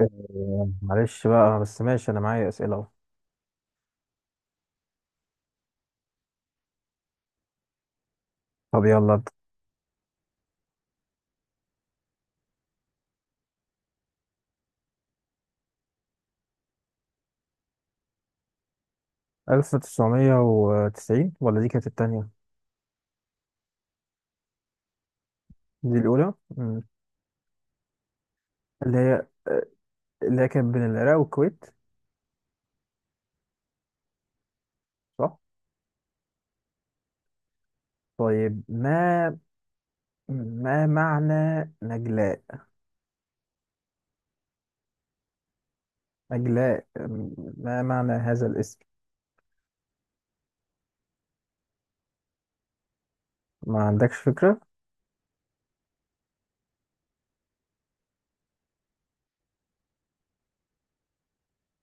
آه، معلش بقى، بس ماشي، انا معايا اسئله اهو. طب يلا ابدا. 1990، ولا دي كانت التانية؟ دي الاولى. اللي هي آه، اللي هي كانت بين العراق والكويت. صح. طيب، ما معنى نجلاء؟ نجلاء، ما معنى هذا الاسم؟ ما عندكش فكره.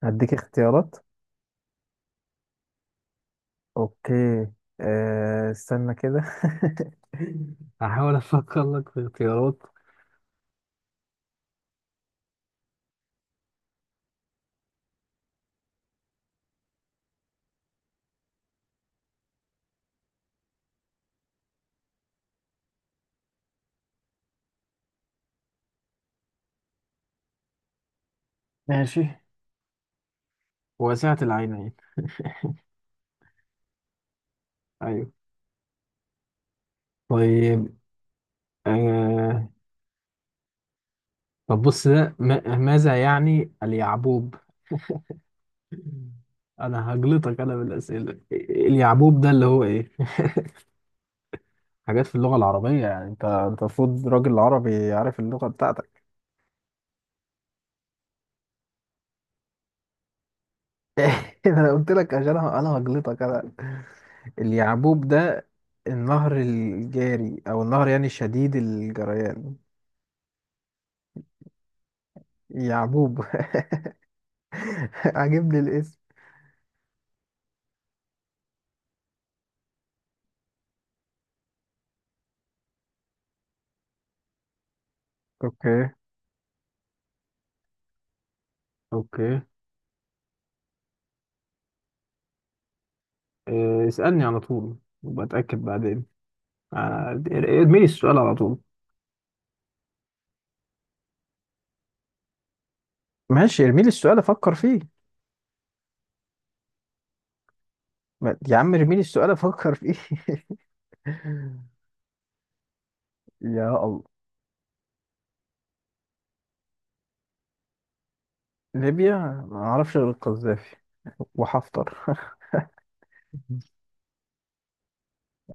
هديك اختيارات. اوكي. استنى كده هحاول افكر لك في اختيارات. ماشي. واسعة العينين. ايوه. طيب. آه... طب بص ده، ما... ماذا يعني اليعبوب؟ أنا هجلطك أنا بالأسئلة. اليعبوب ده اللي هو إيه؟ حاجات في اللغة العربية، يعني أنت المفروض راجل عربي عارف اللغة بتاعتك. أنا قلت لك عشان أنا هجلطك أنا. اليعبوب ده النهر الجاري، أو النهر يعني شديد الجريان. يعبوب عاجبني الاسم. اوكي. اوكي. آه، اسألني على طول وبتأكد بعدين. آه، ارمي لي السؤال على طول. ماشي، ارمي لي السؤال افكر فيه. يا عم ارمي لي السؤال افكر فيه يا الله. ليبيا. ما اعرفش غير القذافي وحفتر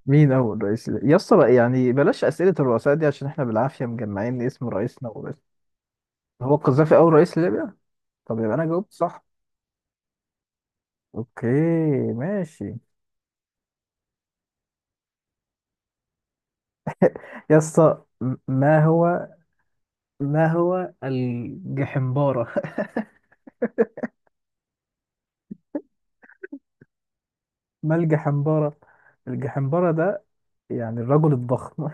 مين اول رئيس ليبيا؟ يا اسطى، يعني بلاش اسئله الرؤساء دي، عشان احنا بالعافيه مجمعين اسم رئيسنا وبس. هو القذافي اول رئيس ليبيا؟ طب يبقى انا جاوبت صح. اوكي. ماشي. يا اسطى ما هو الجحمبارة؟ ما الجحمبارة؟ الجحمبارة ده يعني الرجل الضخم.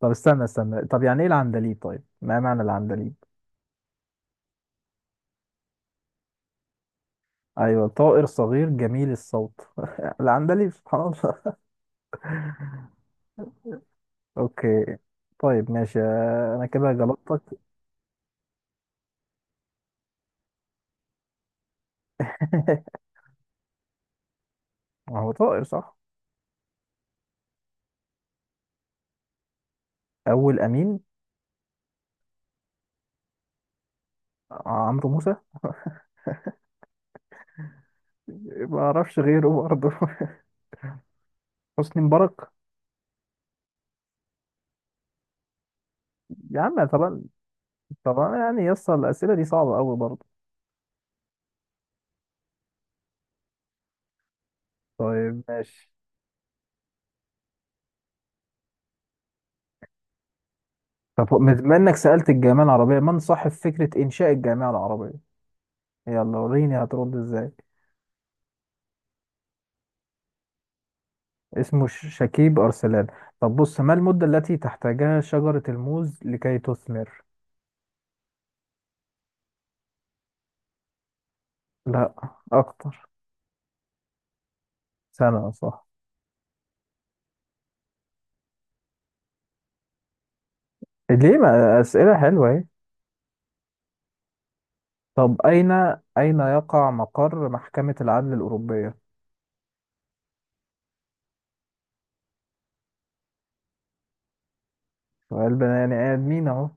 طب استنى استنى، طب يعني ايه العندليب؟ طيب ما معنى العندليب؟ ايوه، طائر صغير جميل الصوت العندليب، سبحان الله. اوكي. طيب ماشي، انا كده غلطتك. ما هو طائر، صح. اول امين. عمرو موسى. ما اعرفش غيره برضه. حسني مبارك. يا عم طبعا. طبعا، يعني يسطا الاسئله دي صعبه قوي برضه. طيب ماشي. طب بما انك سالت الجامعه العربيه، من صاحب فكره انشاء الجامعه العربيه؟ يلا وريني هترد ازاي. اسمه شكيب أرسلان. طب بص، ما المدة التي تحتاجها شجرة الموز لكي تثمر؟ لا، أكتر. سنة، صح. ليه؟ ما أسئلة حلوة اهي. طب أين، أين يقع مقر محكمة العدل الأوروبية؟ سؤال بني يعني آدمين أهو.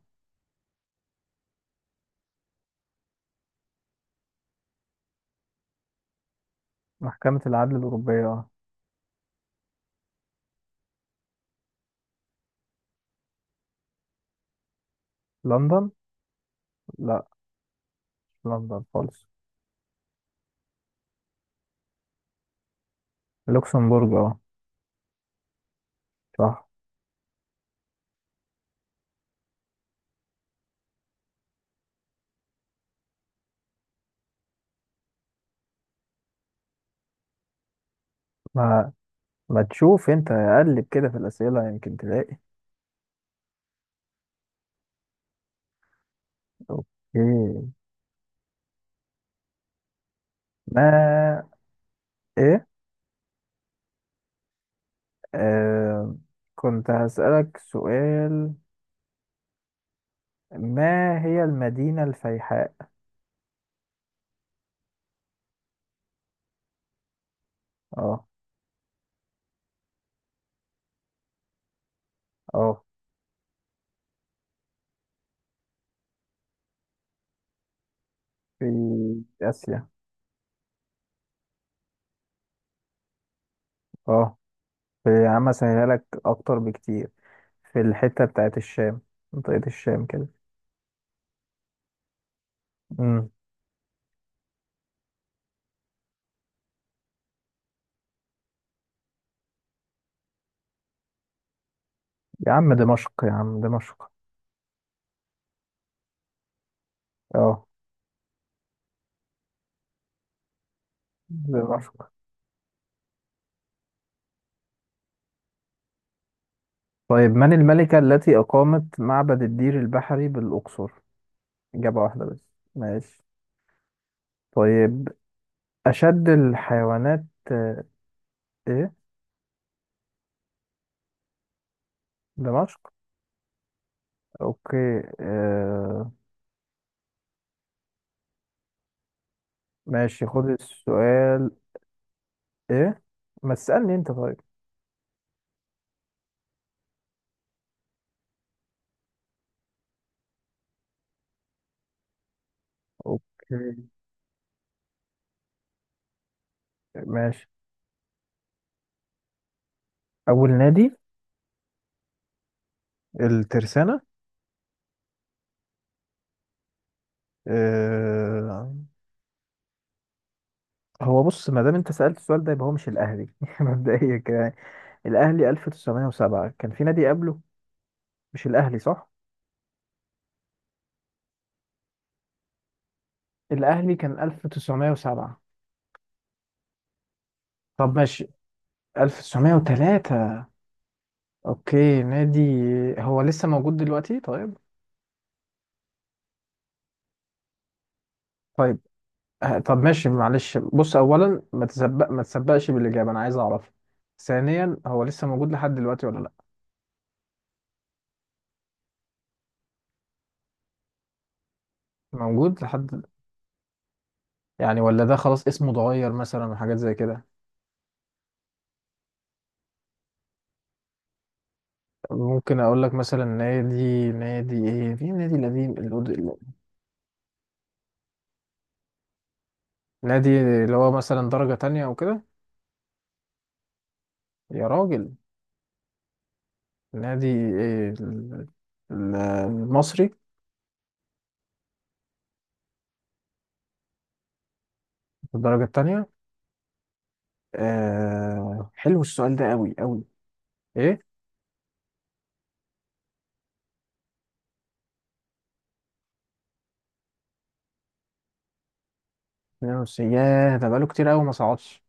محكمة العدل الأوروبية، أه. لندن. لا، مش لندن خالص. لوكسمبورج أه. صح. ما ما تشوف أنت، قلب كده في الأسئلة يمكن تلاقي. أوكي. ما. إيه. آه، كنت هسألك سؤال. ما هي المدينة الفيحاء؟ اه. اه. في آسيا. اه. في، يا عم، أسهلها لك أكتر بكتير. في الحتة بتاعت الشام، منطقة الشام كده. امم يا عم دمشق، يا عم دمشق. اه. دمشق. طيب، من الملكة التي أقامت معبد الدير البحري بالأقصر؟ إجابة واحدة بس. ماشي. طيب. أشد الحيوانات. آه، إيه. دمشق. اوكي آه. ماشي، خد السؤال. ايه. ما تسألني انت طيب. اوكي. ماشي. اول نادي. الترسانة. آه. هو بص، ما دام انت سألت السؤال ده يبقى هو مش الاهلي مبدئيا كده يعني. الاهلي 1907، كان في نادي قبله مش الاهلي صح. الاهلي كان 1907. طب ماشي 1903. اوكي، نادي. هو لسه موجود دلوقتي؟ طيب. طيب. آه. طب ماشي معلش، بص، اولا، ما تسبقش بالاجابه، انا عايز اعرف. ثانيا، هو لسه موجود لحد دلوقتي ولا لا؟ موجود لحد. يعني، ولا ده خلاص اسمه اتغير مثلا من حاجات زي كده؟ ممكن اقول لك مثلا، نادي ايه في نادي القديم. الأد- نادي اللي هو مثلا درجه تانية او كده. يا راجل. نادي ايه المصري. في الدرجه التانية. آه، حلو السؤال ده قوي قوي. ايه. 92، ياه ده بقاله كتير قوي ما صعدش.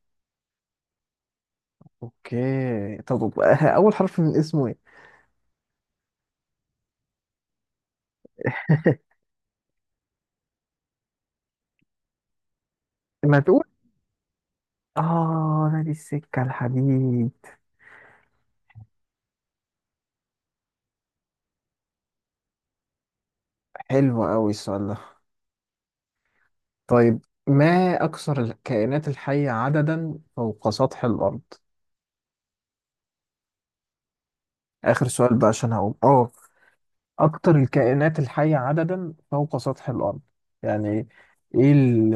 اوكي. طب اول حرف من اسمه ايه؟ ما تقول. اه، نادي السكة الحديد. حلو قوي السؤال ده. طيب، ما اكثر الكائنات الحية عددا فوق سطح الارض؟ اخر سؤال بقى عشان هقوم اه. اكثر الكائنات الحية عددا فوق سطح الارض، يعني. ايه ال.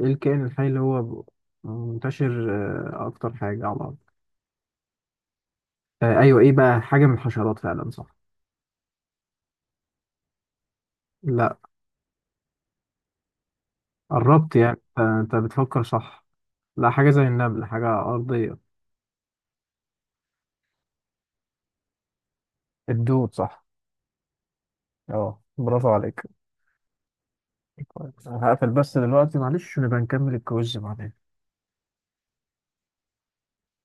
ايه الكائن الحي اللي هو منتشر، آه، اكتر حاجة على الارض. آه، ايوه، ايه بقى حاجة من الحشرات فعلا، صح. لا. قربت يعني، آه، انت بتفكر صح. لا، حاجة زي النمل، حاجة أرضية. الدود، صح. اه، برافو عليك. طيب، أنا هقفل بس دلوقتي، معلش، ونبقى نكمل الكويز بعدين.